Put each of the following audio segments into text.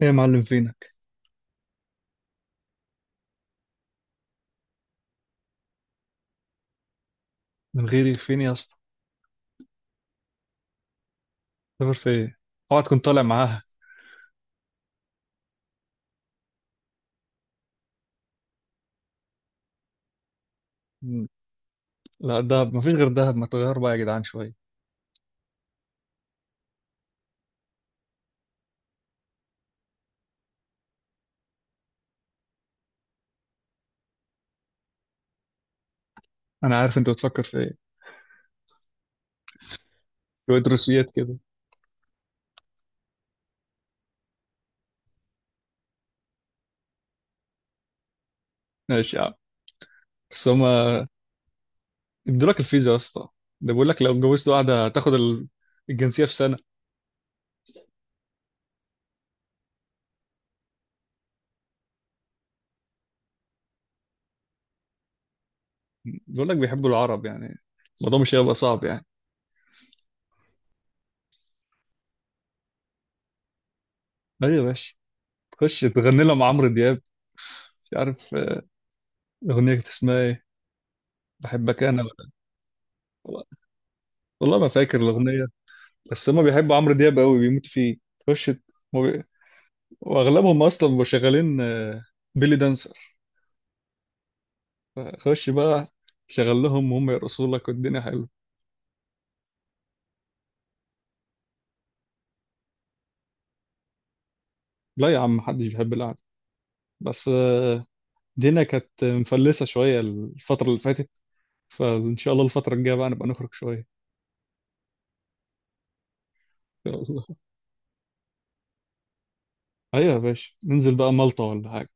ايه يا معلم فينك؟ من غيري فين يا اسطى؟ سافر في ايه؟ اوعى تكون طالع معاها. مم. لا دهب، مفيش غير دهب، ما تغير بقى يا جدعان شويه. انا عارف انت بتفكر في ايه، شويه روسيات كده. ماشي يا عم، بس هما ادولك الفيزا يا اسطى؟ ده بيقول لك لو اتجوزت واحده هتاخد الجنسيه في سنه. بيقول لك بيحبوا العرب يعني، الموضوع مش هيبقى صعب يعني. ايوه يا باشا، تخش تغني لها مع عمرو دياب، مش عارف الاغنيه كانت اسمها ايه، بحبك انا، ولا، والله ما فاكر الاغنيه. بس هما بيحبوا عمرو دياب قوي، بيموتوا فيه. تخش، واغلبهم اصلا بيبقوا شغالين بيلي دانسر. خش بقى شغل لهم وهم يرقصوا لك والدنيا حلوه. لا يا عم، محدش بيحب القعده، بس الدنيا كانت مفلسه شويه الفتره اللي فاتت، فان شاء الله الفتره الجايه بقى نبقى نخرج شويه. ان شاء الله. ايوه يا باشا، ننزل بقى مالطا ولا حاجه؟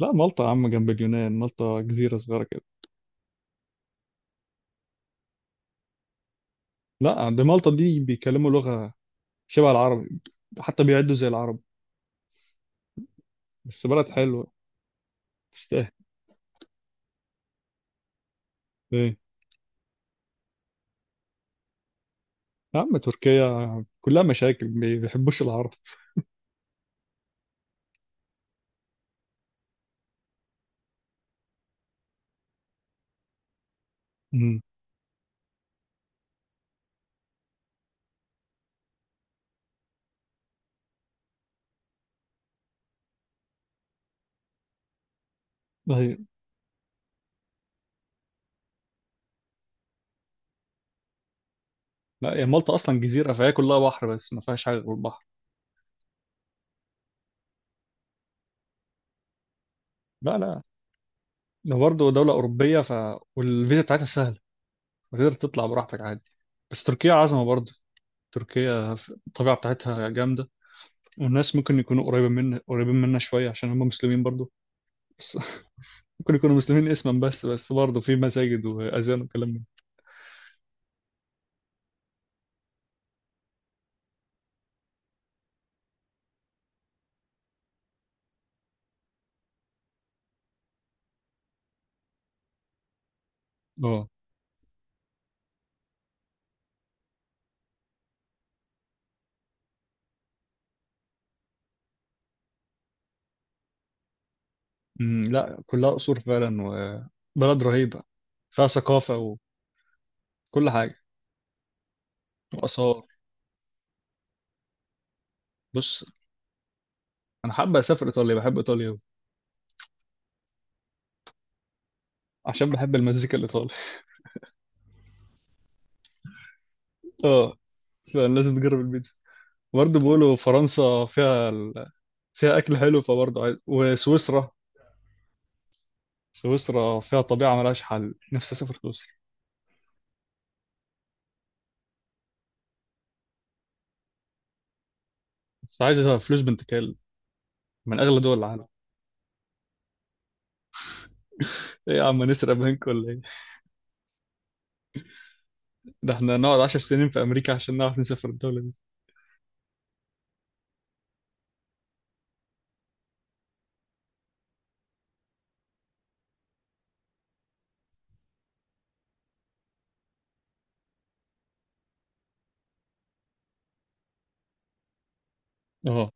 لا مالطا يا عم جنب اليونان، مالطا جزيره صغيره كده. لا، عند مالطا دي بيتكلموا لغه شبه العربي، حتى بيعدوا زي العرب. بس بلد حلوه، تستاهل. إيه؟ يا عم تركيا كلها مشاكل، ما بيحبوش العرب. امم. هي، لا هي مالطا اصلا جزيره، فهي كلها بحر، بس ما فيهاش حاجه غير البحر. لا لا، لو برضه دوله اوروبيه ف، والفيزا بتاعتها سهله، فتقدر تطلع براحتك عادي. بس تركيا عظمه برضه. تركيا الطبيعه بتاعتها جامده، والناس ممكن يكونوا قريبه منا قريبين منا شويه، عشان هم مسلمين برضه. بس ممكن يكونوا مسلمين اسما بس برضه في مساجد واذان وكلام من ده. اه. أمم، لا كلها قصور فعلا، وبلد رهيبه فيها ثقافه وكل حاجه وآثار. بص، أنا حابة أسافر إيطاليا، بحب إيطاليا أوي، عشان بحب المزيكا الإيطالي. أه، فلازم نجرب البيتزا. برضه بيقولوا فرنسا فيها فيها أكل حلو، فبرضه عايز، وسويسرا. سويسرا فيها طبيعة ملهاش حل، نفسي أسافر سويسرا. بس عايز فلوس بنت كلب، من أغلى دول العالم. إيه يا عم، نسرق بنك ولا إيه؟ ده إحنا نقعد 10 سنين في أمريكا عشان نعرف نسافر الدولة دي. أه.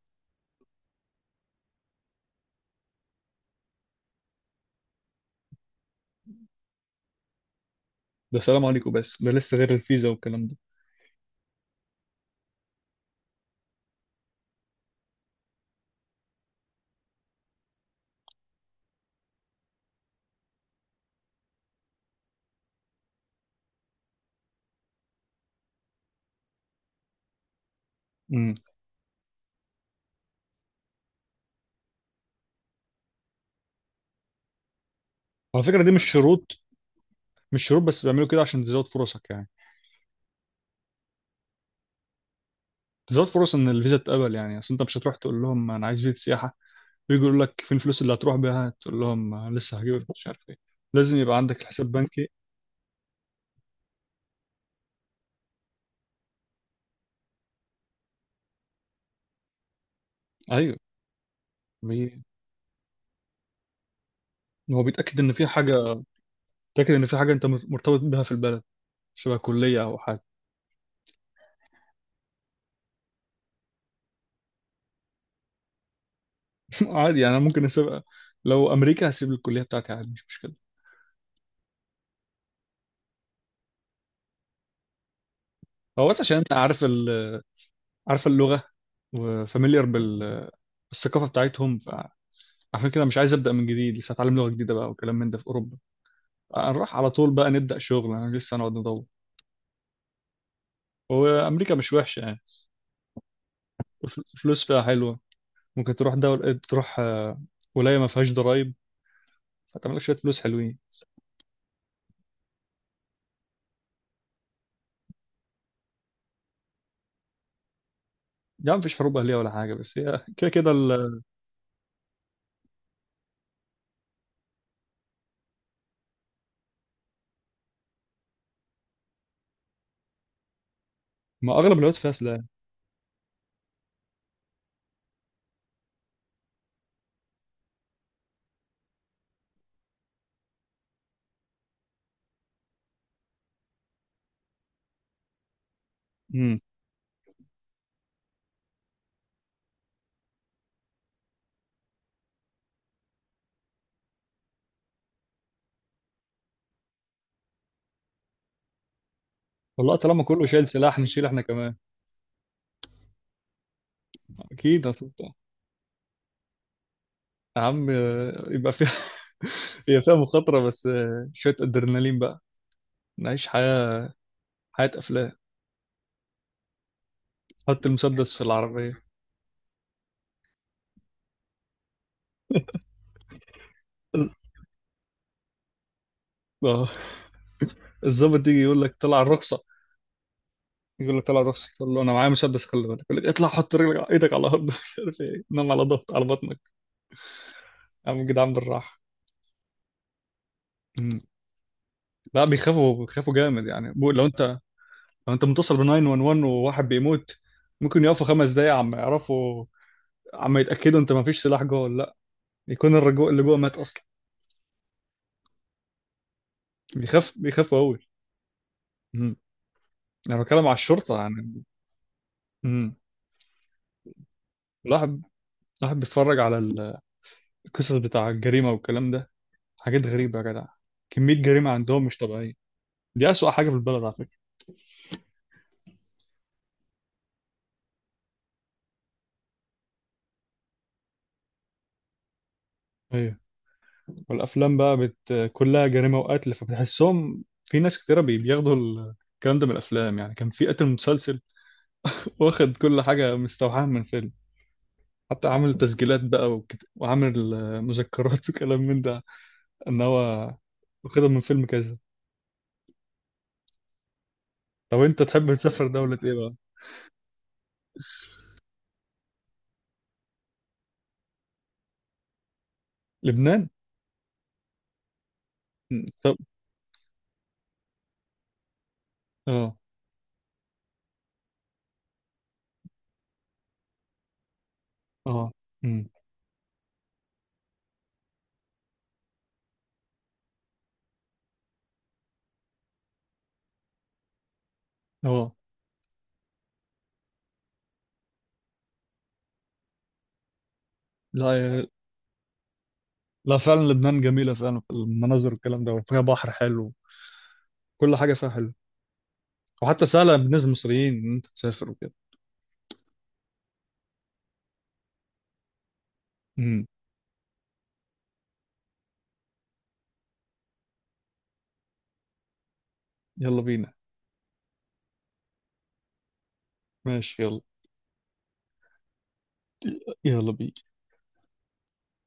ده سلام عليكم! بس ده لسه غير الفيزا والكلام ده. امم. على فكرة دي مش شروط، مش شروط، بيعملوا كده عشان تزود فرصك يعني. تزود فرص ان الفيزا تتقبل يعني. اصل انت مش هتروح تقول لهم انا عايز فيزا سياحه، ويجي يقول لك فين الفلوس اللي هتروح بيها، تقول لهم لسه هجيب مش عارف ايه. لازم يبقى عندك الحساب بنكي. ايوه. بي... هو بيتاكد ان في حاجه، بيتاكد ان في حاجه انت مرتبط بيها في البلد، شبه كليه او حاجه. عادي يعني، انا ممكن اسيب، لو امريكا هسيب الكليه بتاعتي عادي، مش مشكله. هو بس عشان انت عارف عارف اللغه، وفاميليار بالثقافه بتاعتهم، فعشان كده مش عايز ابدا من جديد، لسه هتعلم لغه جديده بقى وكلام من ده في اوروبا. هنروح على طول بقى نبدأ شغل، انا لسه هنقعد ندور. وامريكا مش وحشة يعني، الفلوس فيها حلوة. ممكن تروح دولة، تروح ولاية ما فيهاش ضرايب، فتعمل لك شوية فلوس حلوين. يعني مفيش حروب أهلية ولا حاجة، بس هي كده كده ما أغلب الوقت فيها سلاح. امم. والله طالما كله شايل سلاح نشيل احنا كمان. أكيد هتبقى. يا عم يبقى فيها هي فيها مخاطرة، بس شوية أدرينالين بقى، نعيش حياة، حياة أفلام. حط المسدس في العربية. آه. الظابط يجي يقول لك طلع الرخصة، يقول لك طلع راسي، تقول له انا معايا مسدس خلي بالك، يقول لك اطلع حط ايدك على الارض، مش عارف ايه، نام على، ضغط على بطنك، اعمل كده عم جدعان بالراحه. مم. لا بيخافوا، جامد يعني، لو انت، لو انت متصل ب 911 وواحد بيموت، ممكن يقفوا 5 دقايق عم يعرفوا، عم يتاكدوا انت ما فيش سلاح جوه ولا لا، يكون الرجوع اللي جوه مات اصلا. بيخافوا قوي. مم. انا بتكلم على الشرطه يعني. مم. الواحد الواحد بيتفرج على القصص بتاع الجريمه والكلام ده، حاجات غريبه يا جدع، كميه جريمه عندهم مش طبيعيه، دي أسوأ حاجة في البلد على. ايوه. والافلام بقى كلها جريمه وقتل، فبتحسهم في ناس كتيره بياخدوا الكلام ده من الافلام. يعني كان في قتل متسلسل، واخد كل حاجه مستوحاه من فيلم، حتى عامل تسجيلات بقى وعامل مذكرات، وكلام من ده، ان هو واخدها من فيلم كذا. طب انت تحب تسافر دوله ايه بقى؟ لبنان؟ مم. طب. اه. اه. امم. اه. لا يا، لا فعلا لبنان جميله فعلا في المناظر والكلام ده، وفيها بحر حلو، كل حاجه فيها حلو، وحتى سهله بالنسبه للمصريين ان انت تسافر. امم. يلا بينا. ماشي يلا. يلا بينا.